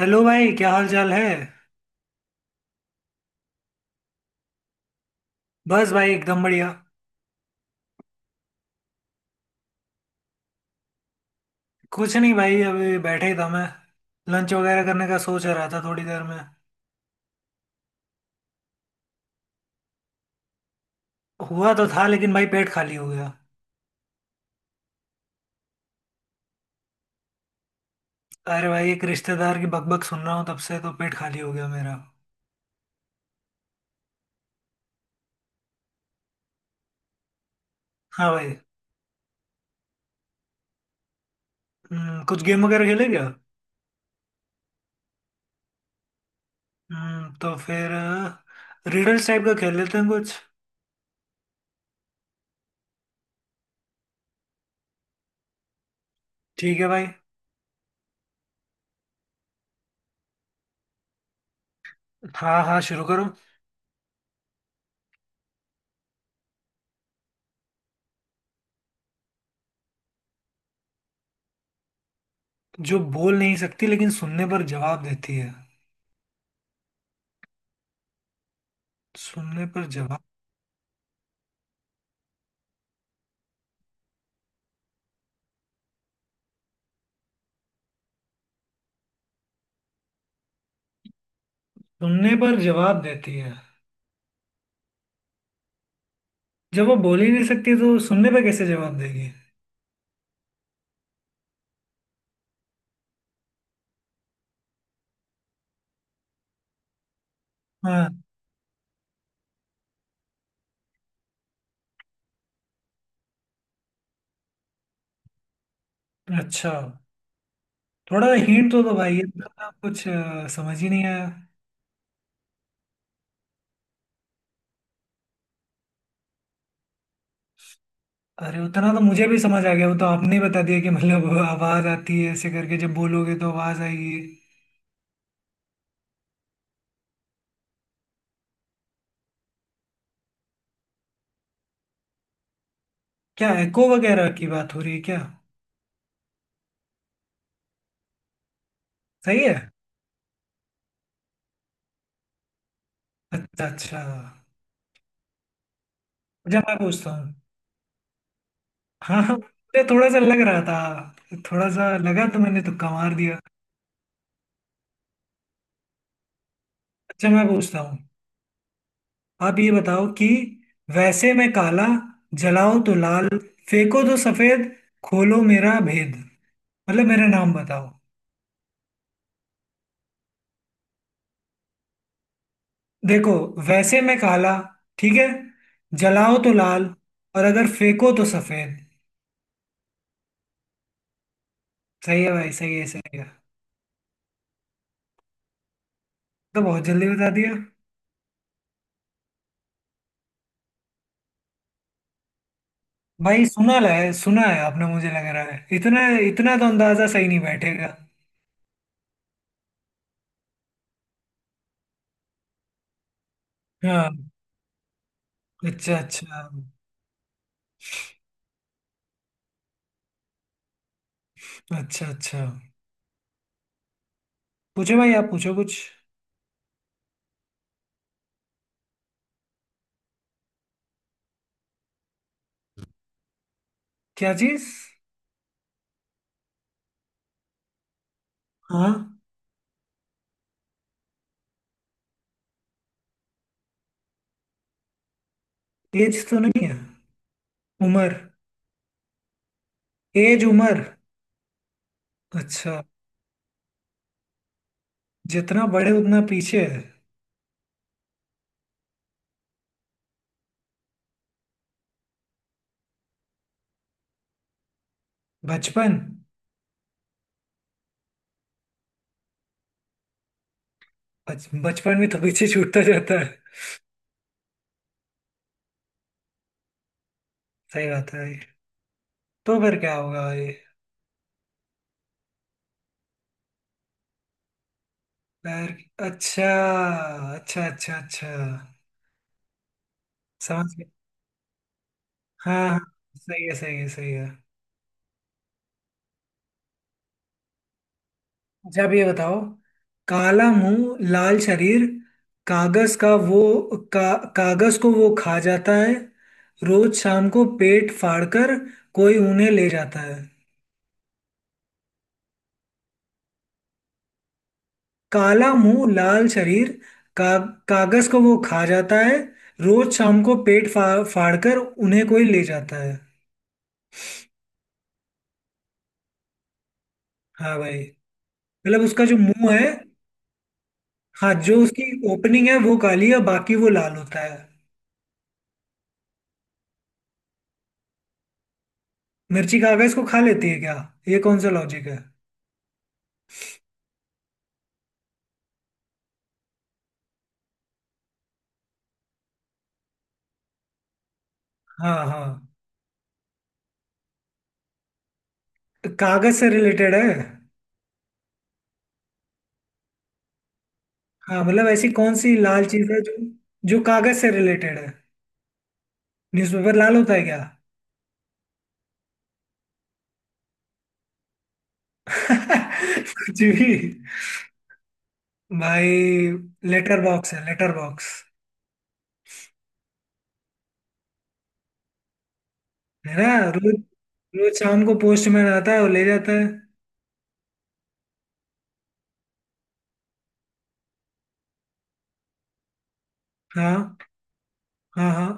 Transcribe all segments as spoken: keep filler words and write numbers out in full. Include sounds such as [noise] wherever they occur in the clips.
Hello भाई, क्या हाल चाल है। बस भाई, एकदम बढ़िया। कुछ नहीं भाई, अभी बैठे ही था मैं। लंच वगैरह करने का सोच रहा था थोड़ी देर में। हुआ तो था, लेकिन भाई पेट खाली हो गया। अरे भाई, एक रिश्तेदार की बकबक सुन रहा हूँ तब से तो पेट खाली हो गया मेरा। हाँ भाई। हम्म, कुछ गेम वगैरह खेले क्या। हम्म, तो फिर रिडल्स टाइप का खेल लेते हैं कुछ। ठीक है भाई। हाँ हाँ, शुरू करो। जो बोल नहीं सकती लेकिन सुनने पर जवाब देती है। सुनने पर जवाब। सुनने पर जवाब देती है। जब वो बोल ही नहीं सकती तो सुनने पे कैसे जवाब देगी। हाँ। अच्छा। थोड़ा हिंट तो दो भाई, ये तो ना कुछ अ, समझ ही नहीं आया। अरे उतना तो मुझे भी समझ आ गया, वो तो आपने बता दिया कि मतलब आवाज आती है, ऐसे करके जब बोलोगे तो आवाज आएगी। क्या एको वगैरह की बात हो रही है क्या। सही है। अच्छा अच्छा। जब मैं पूछता हूँ। हाँ हाँ, मुझे थोड़ा सा लग रहा था, थोड़ा सा लगा तो मैंने तुक्का मार दिया। अच्छा मैं पूछता हूँ। आप ये बताओ कि वैसे मैं काला, जलाओ तो लाल, फेंको तो सफेद, खोलो मेरा भेद। मतलब मेरा नाम बताओ। देखो, वैसे मैं काला, ठीक है, जलाओ तो लाल, और अगर फेंको तो सफेद। सही है भाई, सही है सही है। तो बहुत जल्दी बता दिया। भाई सुना ला है सुना है आपने, मुझे लग रहा है इतना इतना तो अंदाजा सही नहीं बैठेगा। हाँ। अच्छा अच्छा अच्छा अच्छा। पूछो भाई, आप पूछो कुछ। क्या चीज। हाँ। एज तो नहीं है। उम्र। एज, उम्र। अच्छा। जितना बड़े उतना पीछे है। बचपन। बच, बचपन में तो पीछे छूटता जाता है। सही बात है ये। तो फिर क्या होगा ये। पैर। अच्छा अच्छा अच्छा अच्छा। समझ गया। हाँ हाँ। सही है सही है सही है। अच्छा, अब ये बताओ। काला मुंह लाल शरीर, कागज का वो, का, कागज को वो खा जाता है। रोज शाम को पेट फाड़कर कोई उन्हें ले जाता है। काला मुंह लाल शरीर, का, कागज को वो खा जाता है। रोज शाम को पेट फाड़ फाड़कर उन्हें कोई ले जाता है। हाँ भाई। मतलब उसका जो मुंह है। हाँ, जो उसकी ओपनिंग है वो काली है, बाकी वो लाल होता है। मिर्ची कागज को खा लेती है क्या। ये कौन सा लॉजिक है। हाँ हाँ। तो कागज से रिलेटेड है। हाँ मतलब ऐसी कौन सी लाल चीज है जो, जो कागज से रिलेटेड है। न्यूज़पेपर लाल होता है क्या। [laughs] कुछ भी। भाई लेटर बॉक्स है, लेटर बॉक्स। है ना। रोज, रोज शाम को पोस्टमैन आता है और ले जाता है। हाँ हाँ। हाँ।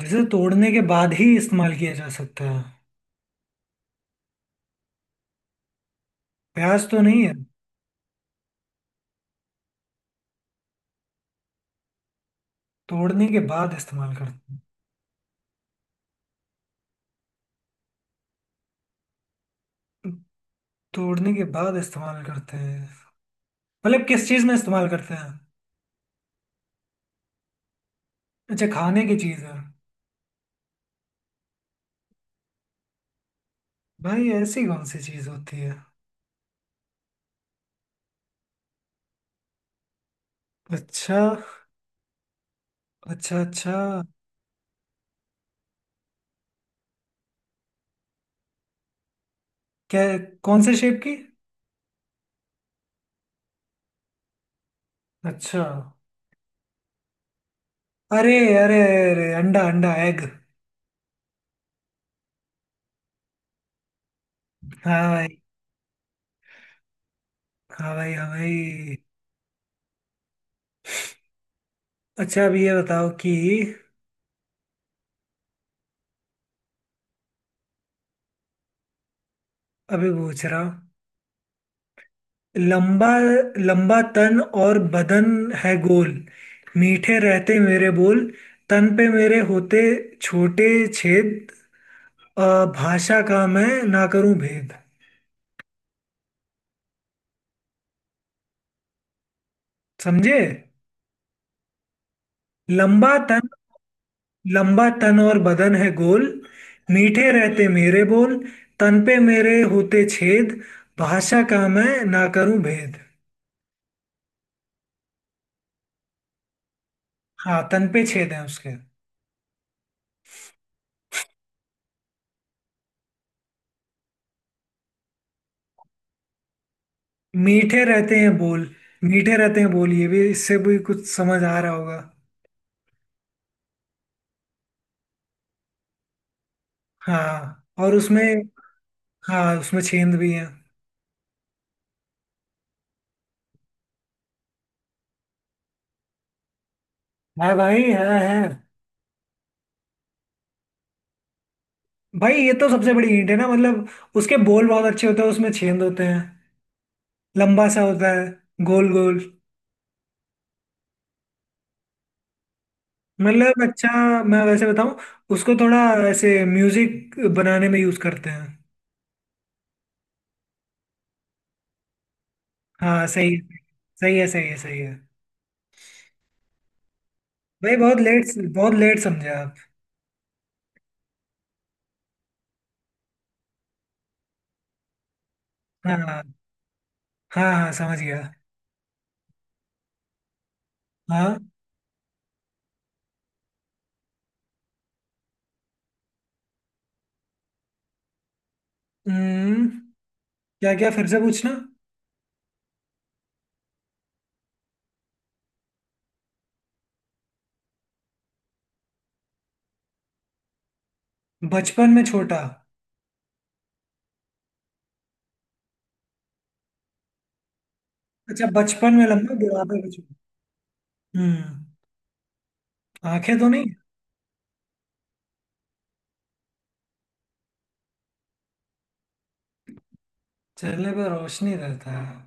जिसे तोड़ने के बाद ही इस्तेमाल किया जा सकता है। प्याज तो नहीं है। तोड़ने के बाद इस्तेमाल करते हैं। तोड़ने के बाद इस्तेमाल करते हैं मतलब किस चीज़ में इस्तेमाल करते हैं। अच्छा, खाने की चीज़ है। भाई ऐसी कौन सी चीज़ होती है। अच्छा। अच्छा अच्छा। क्या। कौन से शेप की। अच्छा। अरे, अरे, अरे अंडा, अंडा, एग। हाँ भाई, हाँ भाई। हाँ भाई। अच्छा, अब ये बताओ कि, अभी पूछ रहा हूँ। लंबा, लंबा तन और बदन है गोल, मीठे रहते मेरे बोल, तन पे मेरे होते छोटे छेद, अ, भाषा का मैं ना करूं भेद। समझे। लंबा तन, लंबा तन और बदन है गोल, मीठे रहते मेरे बोल, तन पे मेरे होते छेद, भाषा का मैं ना करूं भेद। हाँ, तन पे छेद है उसके। मीठे रहते हैं बोल। मीठे रहते हैं बोल, ये भी, इससे भी कुछ समझ आ रहा होगा। हाँ, और उसमें, हाँ उसमें छेंद भी है। है भाई, है है। भाई ये तो सबसे बड़ी हिंट है ना, मतलब उसके बोल बहुत अच्छे होते हैं, उसमें छेंद होते हैं, लंबा सा होता है, गोल गोल। मतलब, अच्छा मैं वैसे बताऊं, उसको थोड़ा, ऐसे म्यूजिक बनाने में यूज करते हैं। हाँ सही है। सही है सही है। सही है भाई। बहुत लेट, बहुत लेट समझे आप। हाँ। हाँ हाँ, समझ गया। हाँ। हम्म। क्या, क्या फिर से पूछना। बचपन में छोटा। अच्छा, बचपन में लंबा बुढ़ापे में छोटा। हम्म। आंखें तो नहीं। चेहरे पे रोशनी रहता है।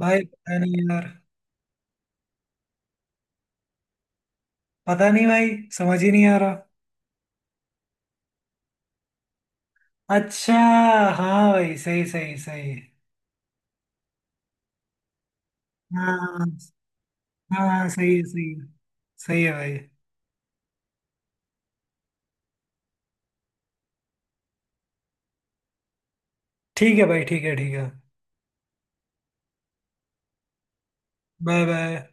भाई पता नहीं यार। पता नहीं भाई। समझ ही नहीं आ रहा। अच्छा। हाँ भाई, सही सही सही। हाँ हाँ, सही है सही है सही है। भाई ठीक है भाई, ठीक है ठीक है। Bye bye.